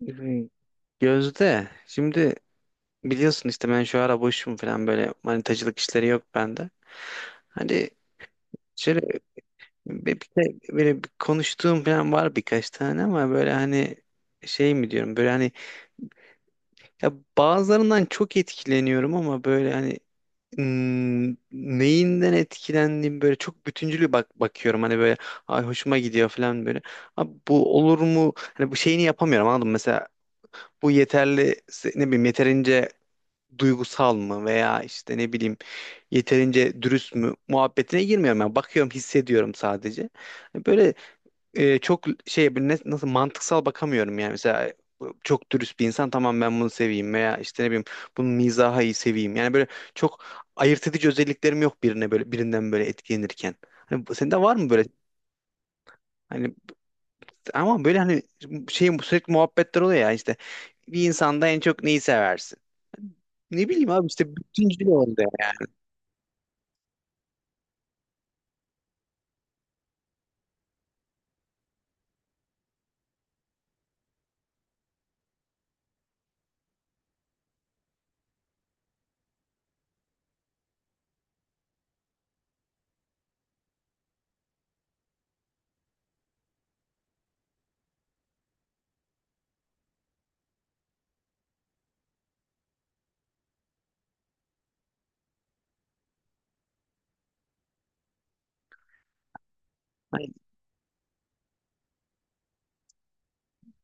Hmm, Gözde şimdi biliyorsun işte ben şu ara boşum falan böyle manitacılık işleri yok bende. Hani şöyle böyle bir konuştuğum falan var birkaç tane ama böyle hani şey mi diyorum böyle hani ya bazılarından çok etkileniyorum ama böyle hani neyinden etkilendiğim böyle çok bütüncül bakıyorum hani böyle ay hoşuma gidiyor falan böyle. Abi bu olur mu? Hani bu şeyini yapamıyorum anladın mı? Mesela bu yeterli ne bileyim yeterince duygusal mı veya işte ne bileyim yeterince dürüst mü muhabbetine girmiyorum yani. Bakıyorum, hissediyorum sadece. Hani böyle çok şey böyle nasıl mantıksal bakamıyorum yani. Mesela bu çok dürüst bir insan, tamam, ben bunu seveyim veya işte ne bileyim bunun mizahı iyi seveyim. Yani böyle çok ayırt edici özelliklerim yok birine böyle birinden böyle etkilenirken. Hani sende var mı böyle hani ama böyle hani şey sürekli muhabbetler oluyor ya işte, bir insanda en çok neyi seversin? Ne bileyim abi işte bütüncül oldu yani.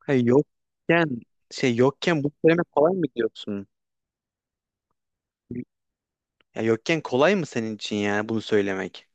Ha, yokken şey yokken bunu söylemek kolay mı diyorsun? Ya yokken kolay mı senin için yani bunu söylemek?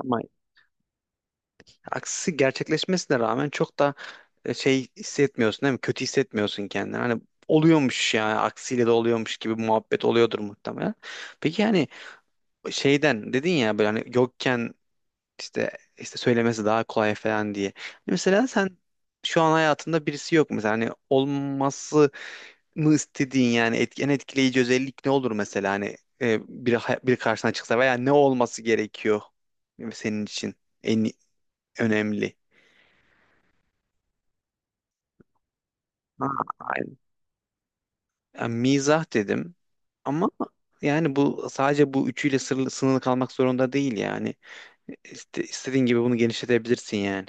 Ama aksi gerçekleşmesine rağmen çok da şey hissetmiyorsun değil mi? Kötü hissetmiyorsun kendini. Hani oluyormuş yani aksiyle de oluyormuş gibi bir muhabbet oluyordur muhtemelen. Peki, yani şeyden dedin ya böyle hani yokken işte söylemesi daha kolay falan diye. Hani mesela sen şu an hayatında birisi yok mesela hani olması mı istediğin yani en etkileyici özellik ne olur mesela hani biri, biri karşına çıksa veya ne olması gerekiyor senin için en önemli? Ha, aynen. Yani mizah dedim ama yani bu sadece bu üçüyle sınırlı kalmak zorunda değil yani. İstediğin gibi bunu genişletebilirsin yani.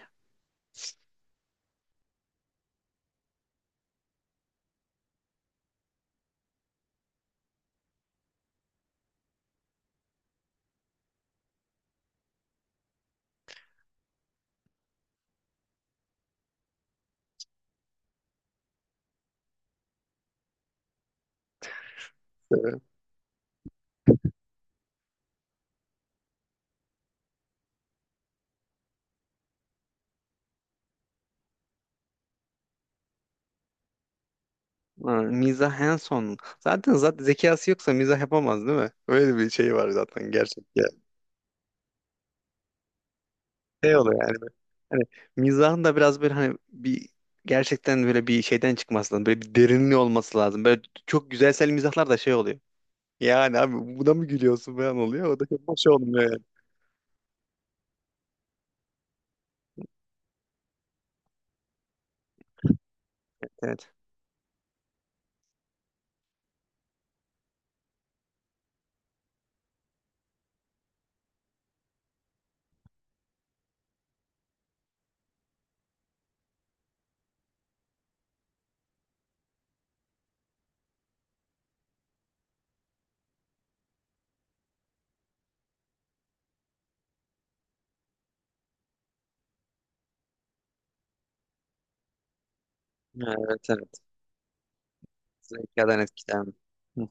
Ha, mizah en son. Zaten zekası yoksa mizah yapamaz değil mi? Öyle bir şey var zaten, gerçek şey oluyor yani böyle, hani mizahın da biraz böyle hani bir gerçekten böyle bir şeyden çıkması lazım. Böyle bir derinliği olması lazım. Böyle çok güzelsel mizahlar da şey oluyor. Yani abi buna mı gülüyorsun falan oluyor. O da çok hoş olmuyor yani. Evet. Ha, evet, evet. Zekadan etkilenme. Hı.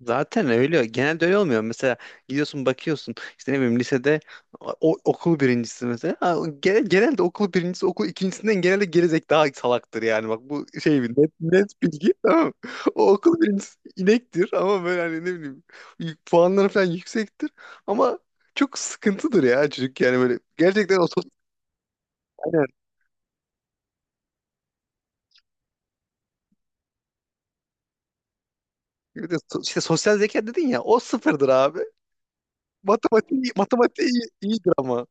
Zaten öyle. Genelde öyle olmuyor. Mesela gidiyorsun bakıyorsun işte ne bileyim lisede okul birincisi mesela. Ha, genelde okul birincisi okul ikincisinden genelde gerizek daha salaktır yani. Bak, bu şey bir net bilgi, tamam mı? O okul birincisi inektir ama böyle hani ne bileyim puanları falan yüksektir ama çok sıkıntıdır ya çocuk yani böyle gerçekten o sos. Aynen. Bir de işte sosyal zeka dedin ya, o sıfırdır abi. Matematiği iyidir ama.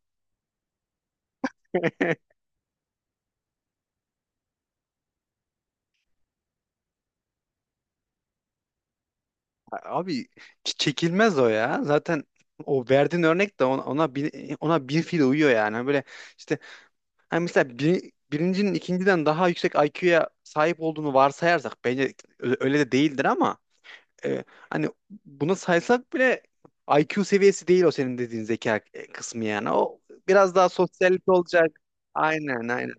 Abi çekilmez o ya. Zaten o verdiğin örnek de ona ona bir fil uyuyor yani. Böyle işte hani mesela birincinin ikinciden daha yüksek IQ'ya sahip olduğunu varsayarsak bence öyle de değildir ama e, hani bunu saysak bile IQ seviyesi değil o senin dediğin zeka kısmı yani. O biraz daha sosyalite olacak. Aynen, aynen.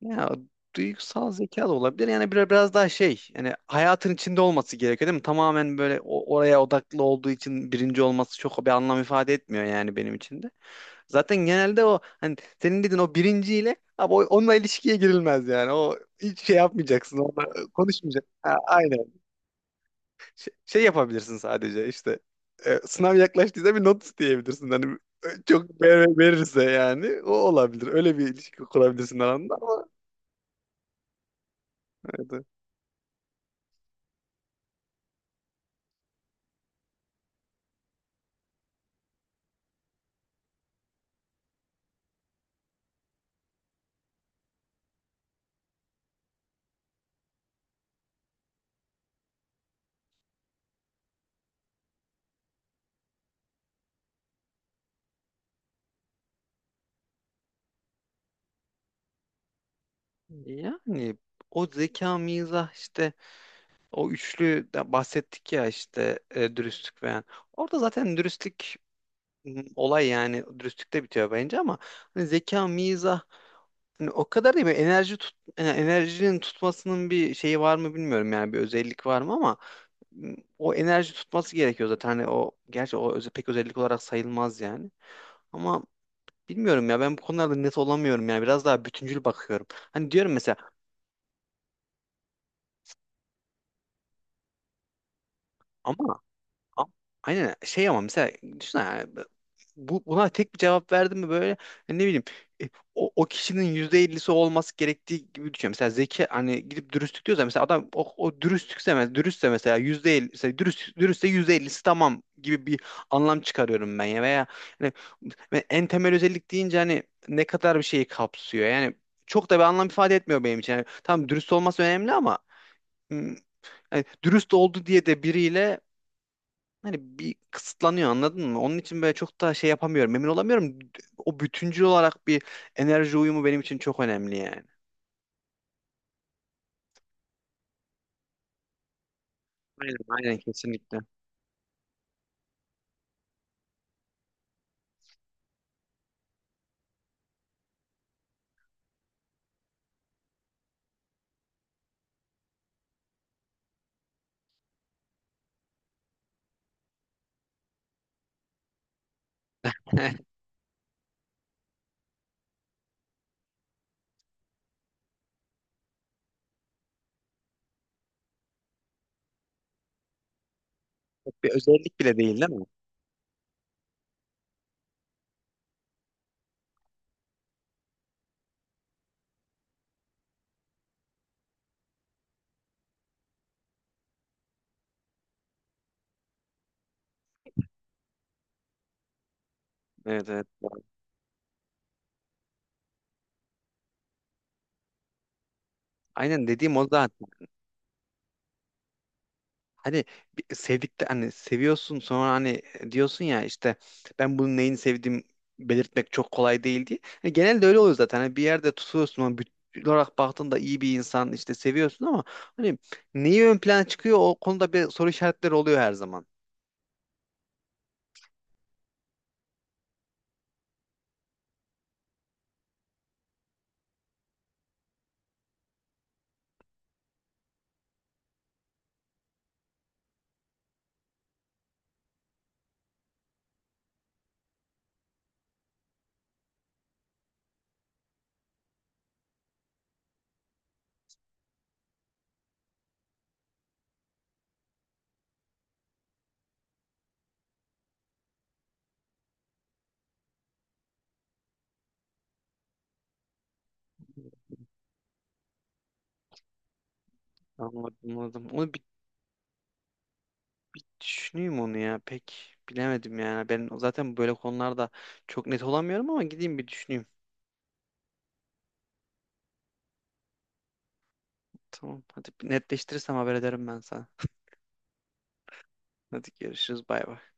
Ya duygusal zeka da olabilir. Yani biraz daha şey yani hayatın içinde olması gerekiyor değil mi? Tamamen böyle oraya odaklı olduğu için birinci olması çok bir anlam ifade etmiyor yani benim için de. Zaten genelde o hani senin dediğin o birinciyle abi onunla ilişkiye girilmez yani. O hiç şey yapmayacaksın. Onunla konuşmayacaksın. Ha, aynen. Şey yapabilirsin sadece işte sınav yaklaştıysa bir not isteyebilirsin. Hani çok verirse yani o olabilir. Öyle bir ilişki kurabilirsin aranda ama evet. Yani o zeka, mizah işte, o üçlü de bahsettik ya işte, dürüstlük falan. Orada zaten dürüstlük olay yani dürüstlükte bitiyor bence ama hani zeka, mizah, hani o kadar değil mi? Enerjinin tutmasının bir şeyi var mı bilmiyorum yani bir özellik var mı ama o enerji tutması gerekiyor zaten. Hani o, gerçi o pek özellik olarak sayılmaz yani. Ama bilmiyorum ya, ben bu konularda net olamıyorum yani biraz daha bütüncül bakıyorum. Hani diyorum mesela ama A- aynen şey ama mesela düşün yani buna tek bir cevap verdim mi böyle hani ne bileyim e, o kişinin %50'si olması gerektiği gibi düşünüyorum. Mesela zeki, hani gidip dürüstlük diyorsa mesela adam o dürüstlükse dürüstse mesela %50, mesela dürüstse %50'si tamam gibi bir anlam çıkarıyorum ben ya, veya hani ve en temel özellik deyince hani ne kadar bir şeyi kapsıyor yani çok da bir anlam ifade etmiyor benim için. Yani tamam, dürüst olması önemli ama hmm, yani dürüst oldu diye de biriyle hani bir kısıtlanıyor, anladın mı? Onun için böyle çok da şey yapamıyorum. Emin olamıyorum. O bütüncül olarak bir enerji uyumu benim için çok önemli yani. Aynen, aynen, kesinlikle. Bir özellik bile değil değil mi? Evet, evet. Aynen dediğim o zaten. Hani sevdikte hani seviyorsun sonra hani diyorsun ya işte ben bunun neyini sevdiğim belirtmek çok kolay değil diye. Hani genelde öyle oluyor zaten. Hani bir yerde tutuyorsun ama bütün olarak baktığında iyi bir insan işte, seviyorsun ama hani neyi ön plana çıkıyor, o konuda bir soru işaretleri oluyor her zaman. Anladım, anladım. Onu bir düşüneyim onu ya. Pek bilemedim yani. Ben zaten böyle konularda çok net olamıyorum ama gideyim bir düşüneyim. Tamam. Hadi bir netleştirirsem haber ederim ben sana. Hadi görüşürüz. Bay bay.